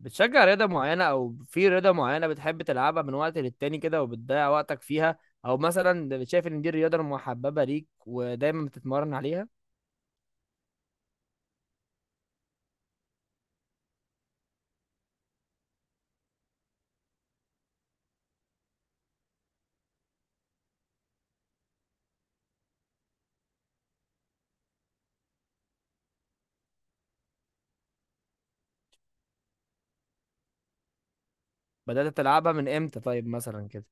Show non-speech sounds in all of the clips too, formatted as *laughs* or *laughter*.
بتشجع رياضة معينة أو في رياضة معينة بتحب تلعبها من وقت للتاني كده وبتضيع وقتك فيها؟ أو مثلا شايف إن دي الرياضة المحببة ليك ودايما بتتمرن عليها؟ بدأت تلعبها من إمتى طيب مثلا كده؟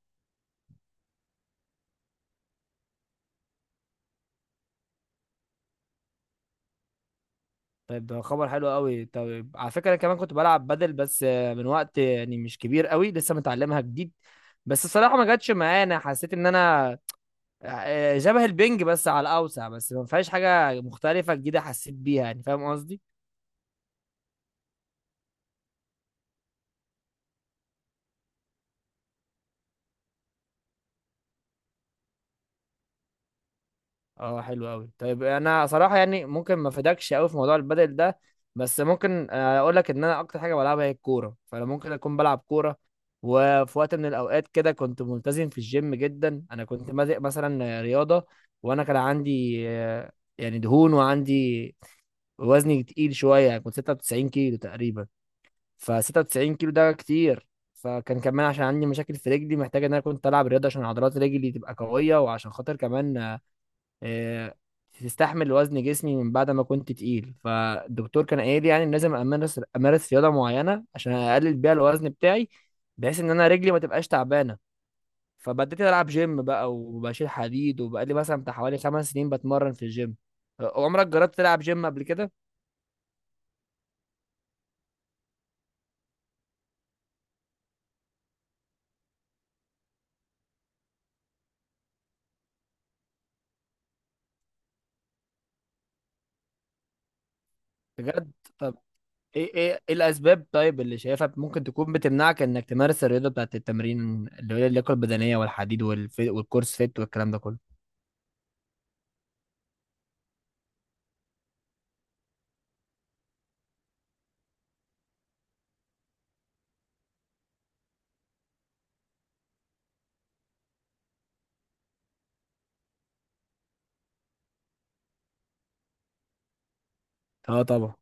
طيب ده خبر حلو قوي. طيب على فكرة أنا كمان كنت بلعب بدل، بس من وقت يعني مش كبير قوي، لسه متعلمها جديد. بس الصراحة ما جاتش معايا، أنا حسيت إن أنا شبه البنج بس على الأوسع، بس ما فيهاش حاجة مختلفة جديدة حسيت بيها، يعني فاهم قصدي؟ اه حلو قوي. طيب انا صراحه يعني ممكن ما افيدكش قوي في موضوع البدل ده. بس ممكن اقول لك ان انا اكتر حاجه بلعبها هي الكوره، فانا ممكن اكون بلعب كوره. وفي وقت من الاوقات كده كنت ملتزم في الجيم جدا، انا كنت بادئ مثلا رياضه، وانا كان عندي يعني دهون، وعندي وزني تقيل شويه، يعني كنت 96 كيلو تقريبا. ف 96 كيلو ده كتير. فكان كمان عشان عندي مشاكل في رجلي، محتاج ان انا كنت العب رياضه عشان عضلات رجلي تبقى قويه، وعشان خاطر كمان آه، تستحمل وزن جسمي من بعد ما كنت تقيل. فالدكتور كان قايل لي يعني إن لازم امارس رياضه معينه عشان اقلل بيها الوزن بتاعي، بحيث ان انا رجلي ما تبقاش تعبانه. فبدأت العب جيم بقى وبشيل حديد، وبقالي مثلا بتاع حوالي 5 سنين بتمرن في الجيم. عمرك جربت تلعب جيم قبل كده؟ بجد؟ طب ايه الاسباب طيب اللي شايفها ممكن تكون بتمنعك انك تمارس الرياضه بتاعت التمرين، اللي هي اللياقه البدنيه والحديد والكورس فيت والكلام ده كله؟ اه طبعا.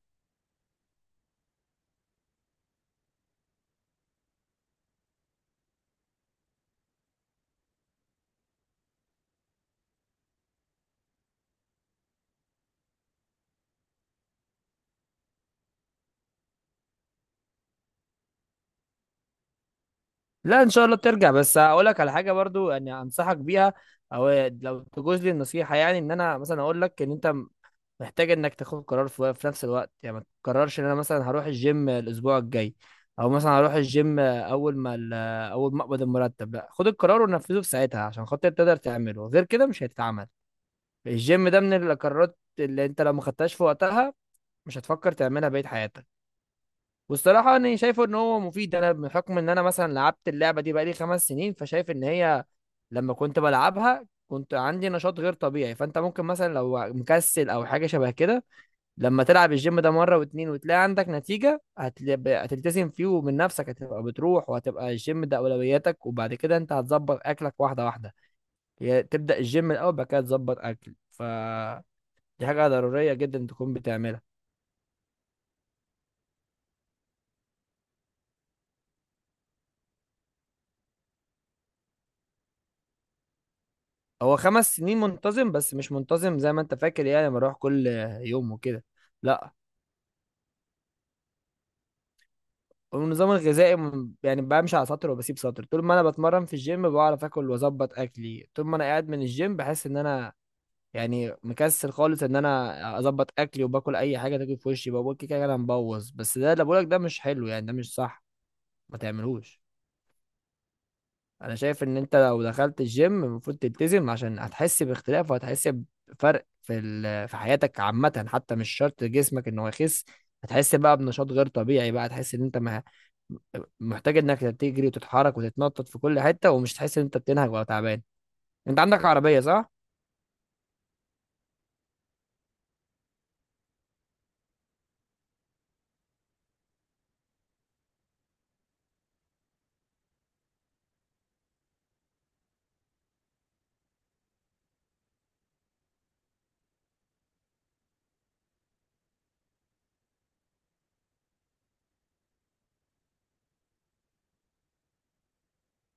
لا ان شاء الله بترجع. بس هقول لك على حاجه برضو يعني، انصحك بيها. او لو تجوز لي النصيحه يعني، ان انا مثلا اقول لك ان انت محتاج انك تاخد قرار في نفس الوقت. يعني ما تقررش ان انا مثلا هروح الجيم الاسبوع الجاي، او مثلا هروح الجيم اول ما اقبض المرتب. لا، خد القرار ونفذه في ساعتها عشان خاطر تقدر تعمله، غير كده مش هيتعمل. الجيم ده من القرارات اللي انت لو ما خدتهاش في وقتها مش هتفكر تعملها بقية حياتك. والصراحة أنا شايفه إن هو مفيد. أنا بحكم إن أنا مثلا لعبت اللعبة دي بقالي 5 سنين، فشايف إن هي لما كنت بلعبها كنت عندي نشاط غير طبيعي. فأنت ممكن مثلا لو مكسل أو حاجة شبه كده، لما تلعب الجيم ده مرة واتنين وتلاقي عندك نتيجة هتلتزم فيه، ومن نفسك هتبقى بتروح، وهتبقى الجيم ده أولوياتك. وبعد كده أنت هتظبط أكلك واحدة واحدة، يعني تبدأ الجيم الأول، بعد كده تظبط أكل. فدي حاجة ضرورية جدا تكون بتعملها. هو 5 سنين منتظم، بس مش منتظم زي ما انت فاكر، يعني بروح كل يوم وكده. لا، النظام الغذائي يعني بمشي على سطر وبسيب سطر. طول ما انا بتمرن في الجيم بعرف اكل واظبط اكلي، طول ما انا قاعد من الجيم بحس ان انا يعني مكسل خالص ان انا اظبط اكلي، وباكل اي حاجه تاكل في وشي، بقول كده كده انا مبوظ. بس ده اللي بقولك ده مش حلو يعني، ده مش صح. ما تعملوش. انا شايف ان انت لو دخلت الجيم المفروض تلتزم، عشان هتحس باختلاف، وهتحس بفرق في في حياتك عامة، حتى مش شرط جسمك ان هو يخس. هتحس بقى بنشاط غير طبيعي، بقى هتحس ان انت محتاج انك تجري وتتحرك وتتنطط في كل حتة، ومش تحس ان انت بتنهج ولا تعبان. انت عندك عربية صح؟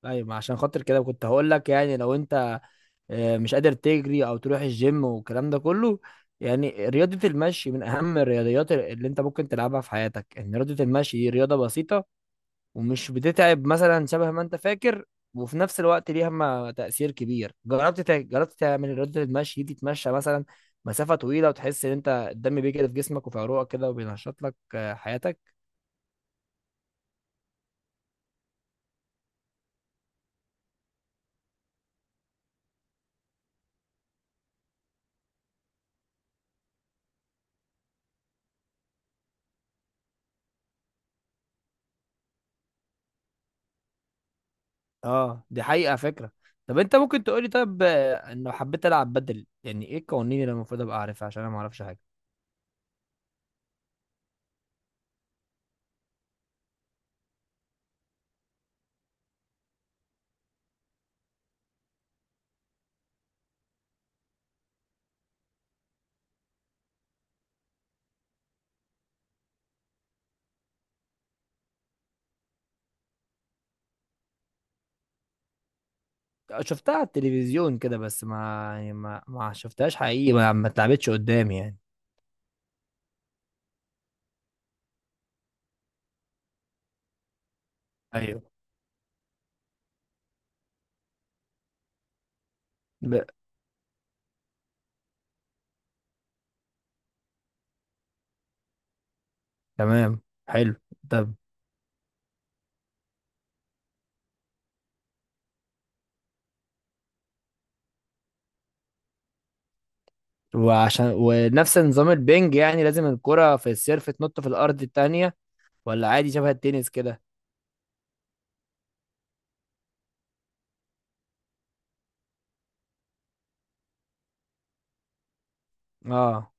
طيب ما عشان خاطر كده كنت هقول لك، يعني لو انت مش قادر تجري او تروح الجيم والكلام ده كله، يعني رياضة المشي من أهم الرياضيات اللي أنت ممكن تلعبها في حياتك، إن رياضة المشي دي رياضة بسيطة، ومش بتتعب مثلا شبه ما انت فاكر، وفي نفس الوقت ليها ما تأثير كبير. جربت تعمل رياضة المشي دي، تتمشى مثلا مسافة طويلة، وتحس ان انت الدم بيجري في جسمك وفي عروقك كده، وبينشط لك حياتك. اه دي حقيقة فكرة. طب انت ممكن تقولي، طب انه حبيت العب بدل، يعني ايه القوانين اللي المفروض ابقى اعرفها؟ عشان انا ما اعرفش حاجة. شفتها على التلفزيون كده بس ما، يعني ما شفتهاش حقيقي، ما اتلعبتش قدامي يعني. ايوه. ب... تمام. حلو. طب وعشان ونفس نظام البنج يعني، لازم الكرة في السيرف تنط في الأرض التانية، ولا عادي شبه التنس كده؟ اه.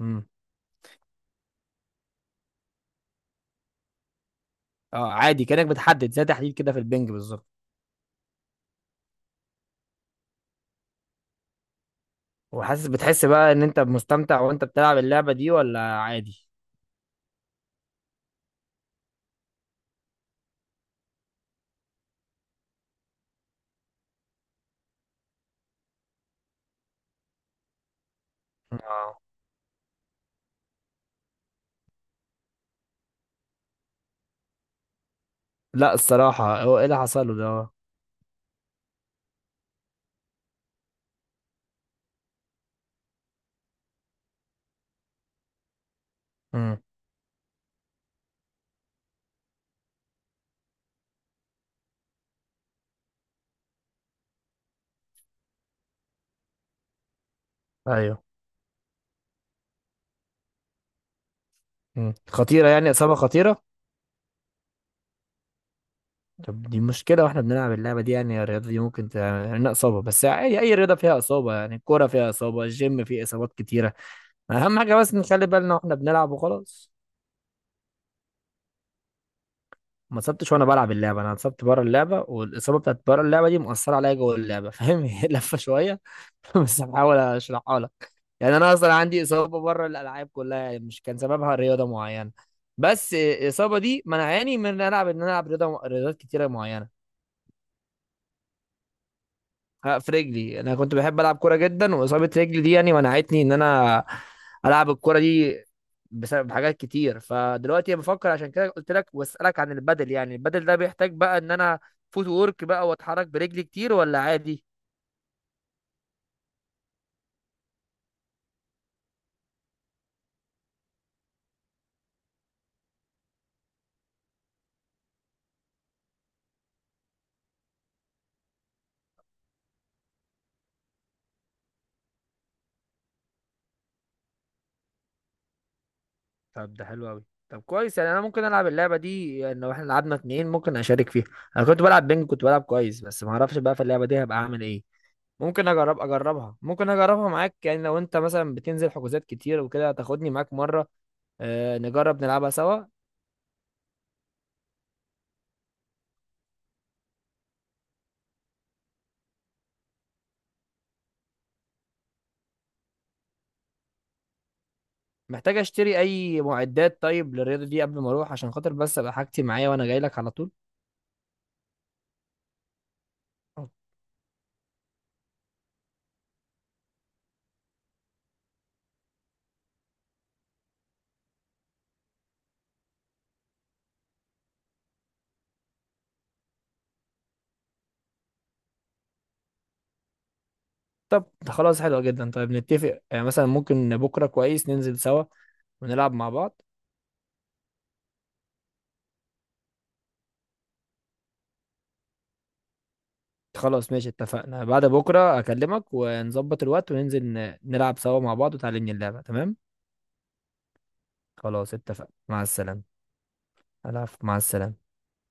امم. اه عادي، كأنك بتحدد زي تحديد كده في البنج بالظبط. وحاسس، بتحس بقى ان انت مستمتع وانت بتلعب اللعبة دي ولا عادي؟ اه. لا الصراحة، هو ايه اللي حصل له ده؟ امم. ايوه. امم. خطيرة يعني، إصابة خطيرة. طب دي مشكلة واحنا بنلعب اللعبة دي، يعني الرياضة دي ممكن تعمل لنا إصابة. بس عادي، أي رياضة فيها إصابة، يعني الكورة فيها إصابة، الجيم فيه إصابات كتيرة. اهم حاجه بس نخلي بالنا واحنا بنلعب وخلاص. ما اتصبتش وانا بلعب اللعبه، انا اتصبت بره اللعبه، والاصابه بتاعت بره اللعبه دي مؤثره عليا جوه اللعبه، فاهم؟ *laughs* هي لفه شويه، *laughs* بس بحاول اشرحها لك. يعني انا اصلا عندي اصابه بره الالعاب كلها، يعني مش كان سببها رياضه معينه، بس الاصابه دي منعاني من ان العب، ان انا العب رياضه، رياضات كتيره معينه. ها، في رجلي. انا كنت بحب العب كوره جدا، واصابه رجلي دي يعني منعتني ان انا العب الكوره دي بسبب حاجات كتير. فدلوقتي بفكر، عشان كده قلت لك واسالك عن البدل، يعني البدل ده بيحتاج بقى ان انا فوت وورك بقى، واتحرك برجلي كتير ولا عادي؟ طب ده حلو قوي. طب كويس، يعني انا ممكن العب اللعبه دي. يعني لو احنا لعبنا اتنين ممكن اشارك فيها. انا كنت بلعب بينج كنت بلعب كويس، بس ما اعرفش بقى في اللعبه دي هبقى اعمل ايه. ممكن اجرب، اجربها ممكن اجربها معاك. يعني لو انت مثلا بتنزل حجوزات كتير وكده تاخدني معاك مره نجرب نلعبها سوا. محتاج اشتري اي معدات طيب للرياضه دي قبل ما اروح، عشان خاطر بس ابقى حاجتي معايا وانا جاي لك على طول؟ آه. طب ده خلاص حلو جدا. طيب نتفق، يعني مثلا ممكن بكره كويس ننزل سوا ونلعب مع بعض؟ خلاص ماشي اتفقنا. بعد بكره اكلمك ونظبط الوقت وننزل نلعب سوا مع بعض وتعلمني اللعبه، تمام؟ خلاص اتفقنا، مع السلامه. العفو مع السلامه.